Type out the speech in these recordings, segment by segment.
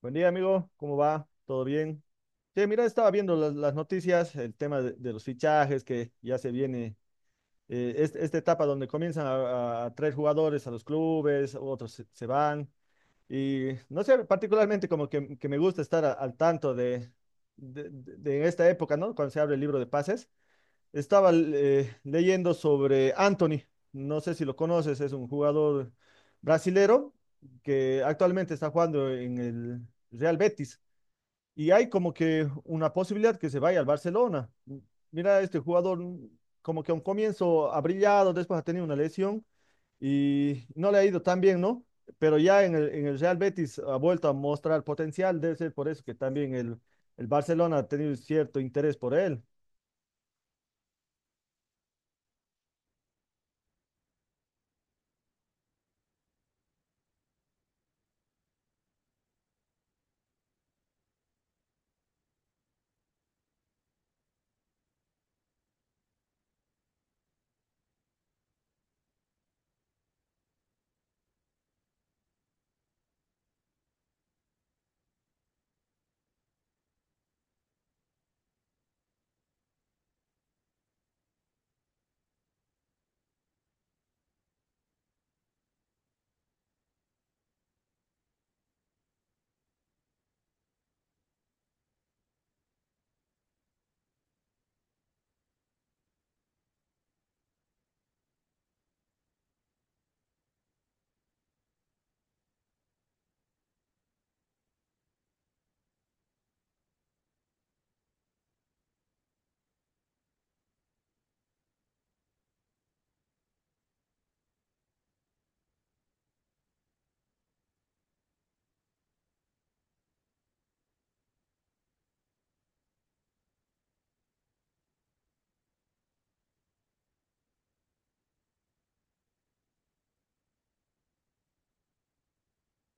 Buen día, amigo. ¿Cómo va? ¿Todo bien? Sí, mira, estaba viendo las noticias, el tema de los fichajes, que ya se viene esta etapa donde comienzan a traer jugadores a los clubes, otros se van. Y no sé, particularmente como que me gusta estar al tanto de esta época, ¿no? Cuando se abre el libro de pases. Estaba leyendo sobre Anthony. No sé si lo conoces, es un jugador brasilero que actualmente está jugando en el Real Betis y hay como que una posibilidad que se vaya al Barcelona. Mira, este jugador como que a un comienzo ha brillado, después ha tenido una lesión y no le ha ido tan bien, ¿no? Pero ya en en el Real Betis ha vuelto a mostrar potencial, debe ser por eso que también el Barcelona ha tenido cierto interés por él.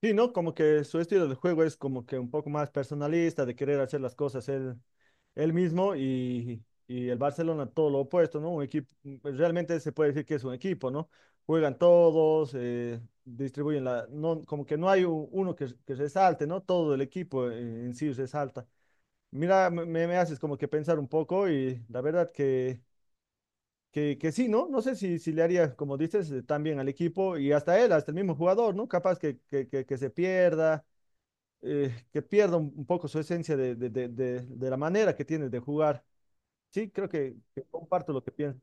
Sí, ¿no? Como que su estilo de juego es como que un poco más personalista, de querer hacer las cosas él, él mismo y el Barcelona todo lo opuesto, ¿no? Un equipo, pues, realmente se puede decir que es un equipo, ¿no? Juegan todos, distribuyen la, no, como que no hay uno que resalte, ¿no? Todo el equipo en sí resalta. Mira, me haces como que pensar un poco y la verdad que sí, ¿no? No sé si le haría, como dices, tan bien al equipo y hasta él, hasta el mismo jugador, ¿no? Capaz que se pierda que pierda un poco su esencia de la manera que tiene de jugar. Sí, creo que comparto lo que pienso.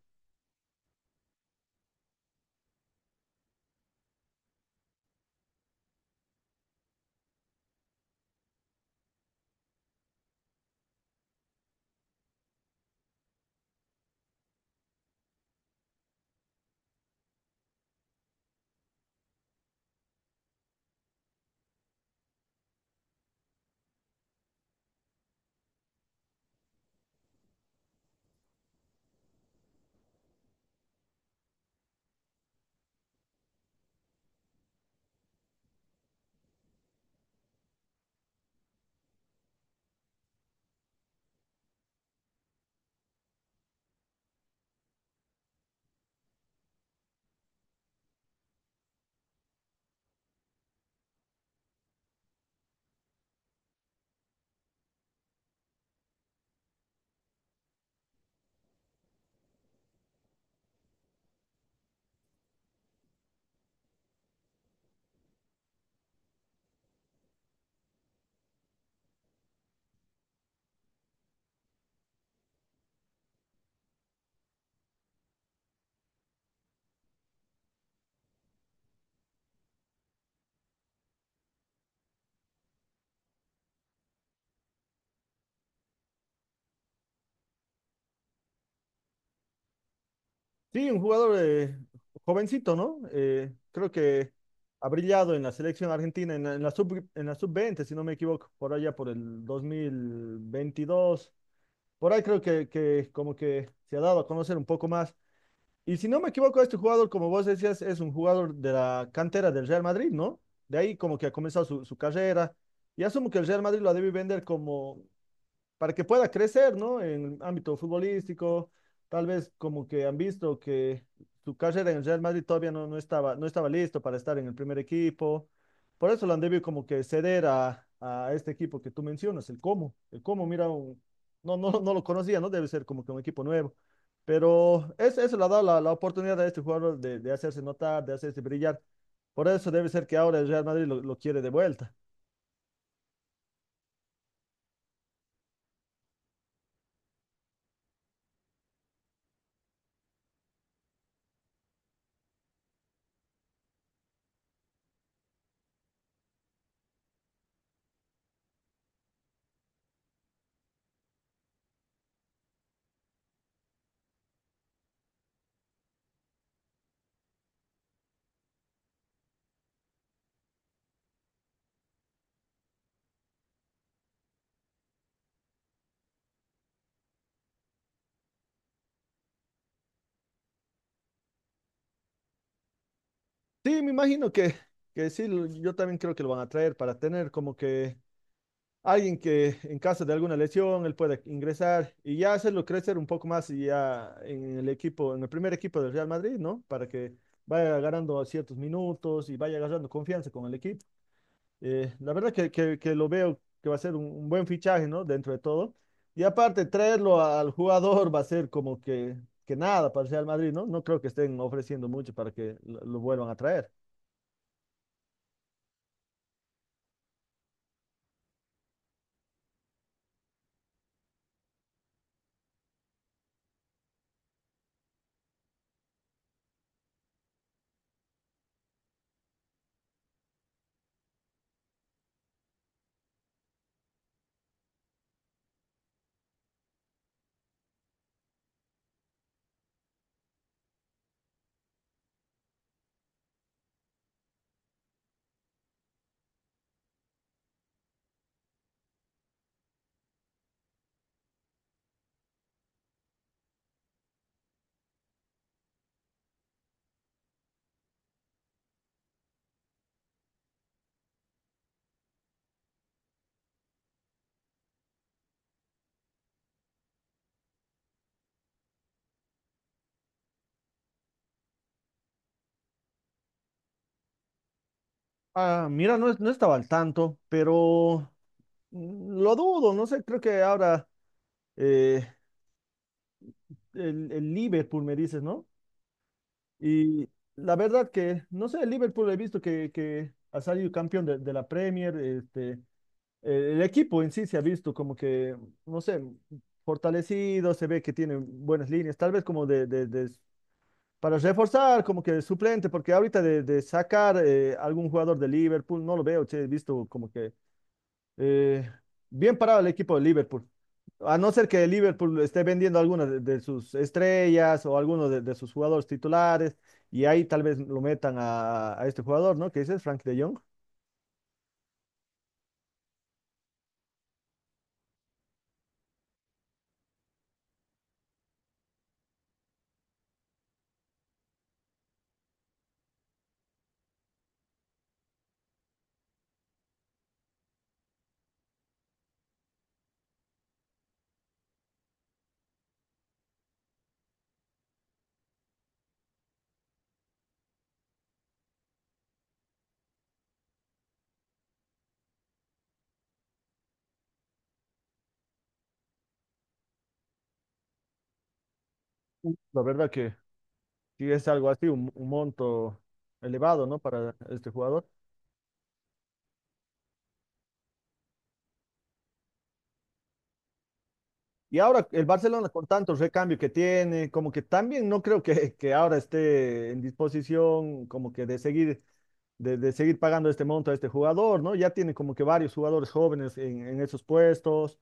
Sí, un jugador jovencito, ¿no? Creo que ha brillado en la selección argentina, en en la sub 20 si no me equivoco, por allá por el 2022. Por ahí creo que como que se ha dado a conocer un poco más. Y si no me equivoco, este jugador, como vos decías, es un jugador de la cantera del Real Madrid, ¿no? De ahí como que ha comenzado su carrera. Y asumo que el Real Madrid lo debe vender como, para que pueda crecer, ¿no? En el ámbito futbolístico, tal vez como que han visto que su carrera en Real Madrid todavía no estaba listo para estar en el primer equipo. Por eso lo han debido como que ceder a este equipo que tú mencionas, el Como. El Como, mira, no, no, no lo conocía, ¿no? Debe ser como que un equipo nuevo. Pero eso le ha dado la oportunidad a este jugador de hacerse notar, de hacerse brillar. Por eso debe ser que ahora el Real Madrid lo quiere de vuelta. Sí, me imagino que sí, yo también creo que lo van a traer para tener como que alguien que en caso de alguna lesión él pueda ingresar y ya hacerlo crecer un poco más y ya en el equipo, en el primer equipo del Real Madrid, ¿no? Para que vaya ganando ciertos minutos y vaya agarrando confianza con el equipo. La verdad que lo veo que va a ser un buen fichaje, ¿no? Dentro de todo. Y aparte, traerlo al jugador va a ser como que nada para el Real Madrid, ¿no? No creo que estén ofreciendo mucho para que lo vuelvan a traer. Ah, mira, no, no estaba al tanto, pero mm, lo dudo, no sé, creo que ahora eh, el Liverpool me dices, ¿no? Y la verdad que, no sé, el Liverpool he visto que ha salido campeón de la Premier, este, el equipo en sí se ha visto como que, no sé, fortalecido, se ve que tiene buenas líneas, tal vez como para reforzar, como que de suplente, porque ahorita de sacar algún jugador de Liverpool, no lo veo, che, he visto como que Eh, bien parado el equipo de Liverpool. A no ser que Liverpool esté vendiendo algunas de sus estrellas o algunos de sus jugadores titulares, y ahí tal vez lo metan a este jugador, ¿no? Que dices, Frank de Jong. La verdad que sí es algo así, un monto elevado, ¿no? Para este jugador. Y ahora el Barcelona con tantos recambios que tiene, como que también no creo que ahora esté en disposición como que de seguir de seguir pagando este monto a este jugador, ¿no? Ya tiene como que varios jugadores jóvenes en esos puestos,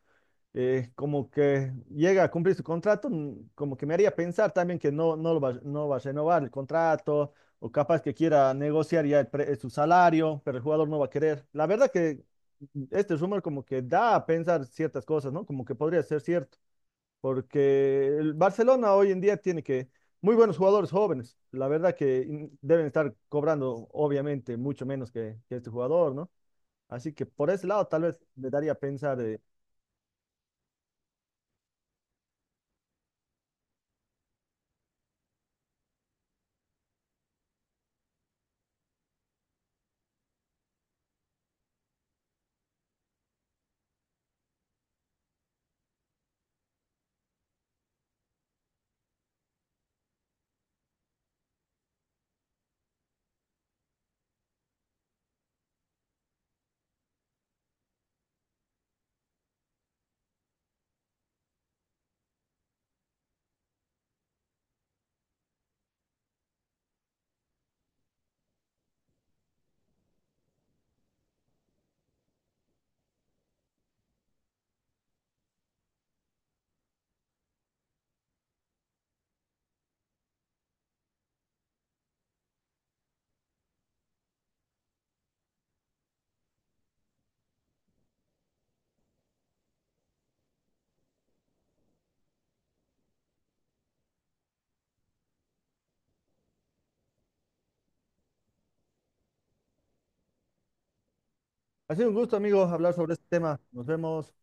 como que llega a cumplir su contrato, como que me haría pensar también que no va a renovar el contrato, o capaz que quiera negociar ya su salario, pero el jugador no va a querer. La verdad que mm, este rumor como que da a pensar ciertas cosas, ¿no? Como que podría ser cierto porque el Barcelona hoy en día tiene que muy buenos jugadores jóvenes. La verdad que deben estar cobrando obviamente mucho menos que este jugador, ¿no? Así que por ese lado tal vez me daría a pensar. Eh. Ha sido un gusto, amigos, hablar sobre este tema. Nos vemos.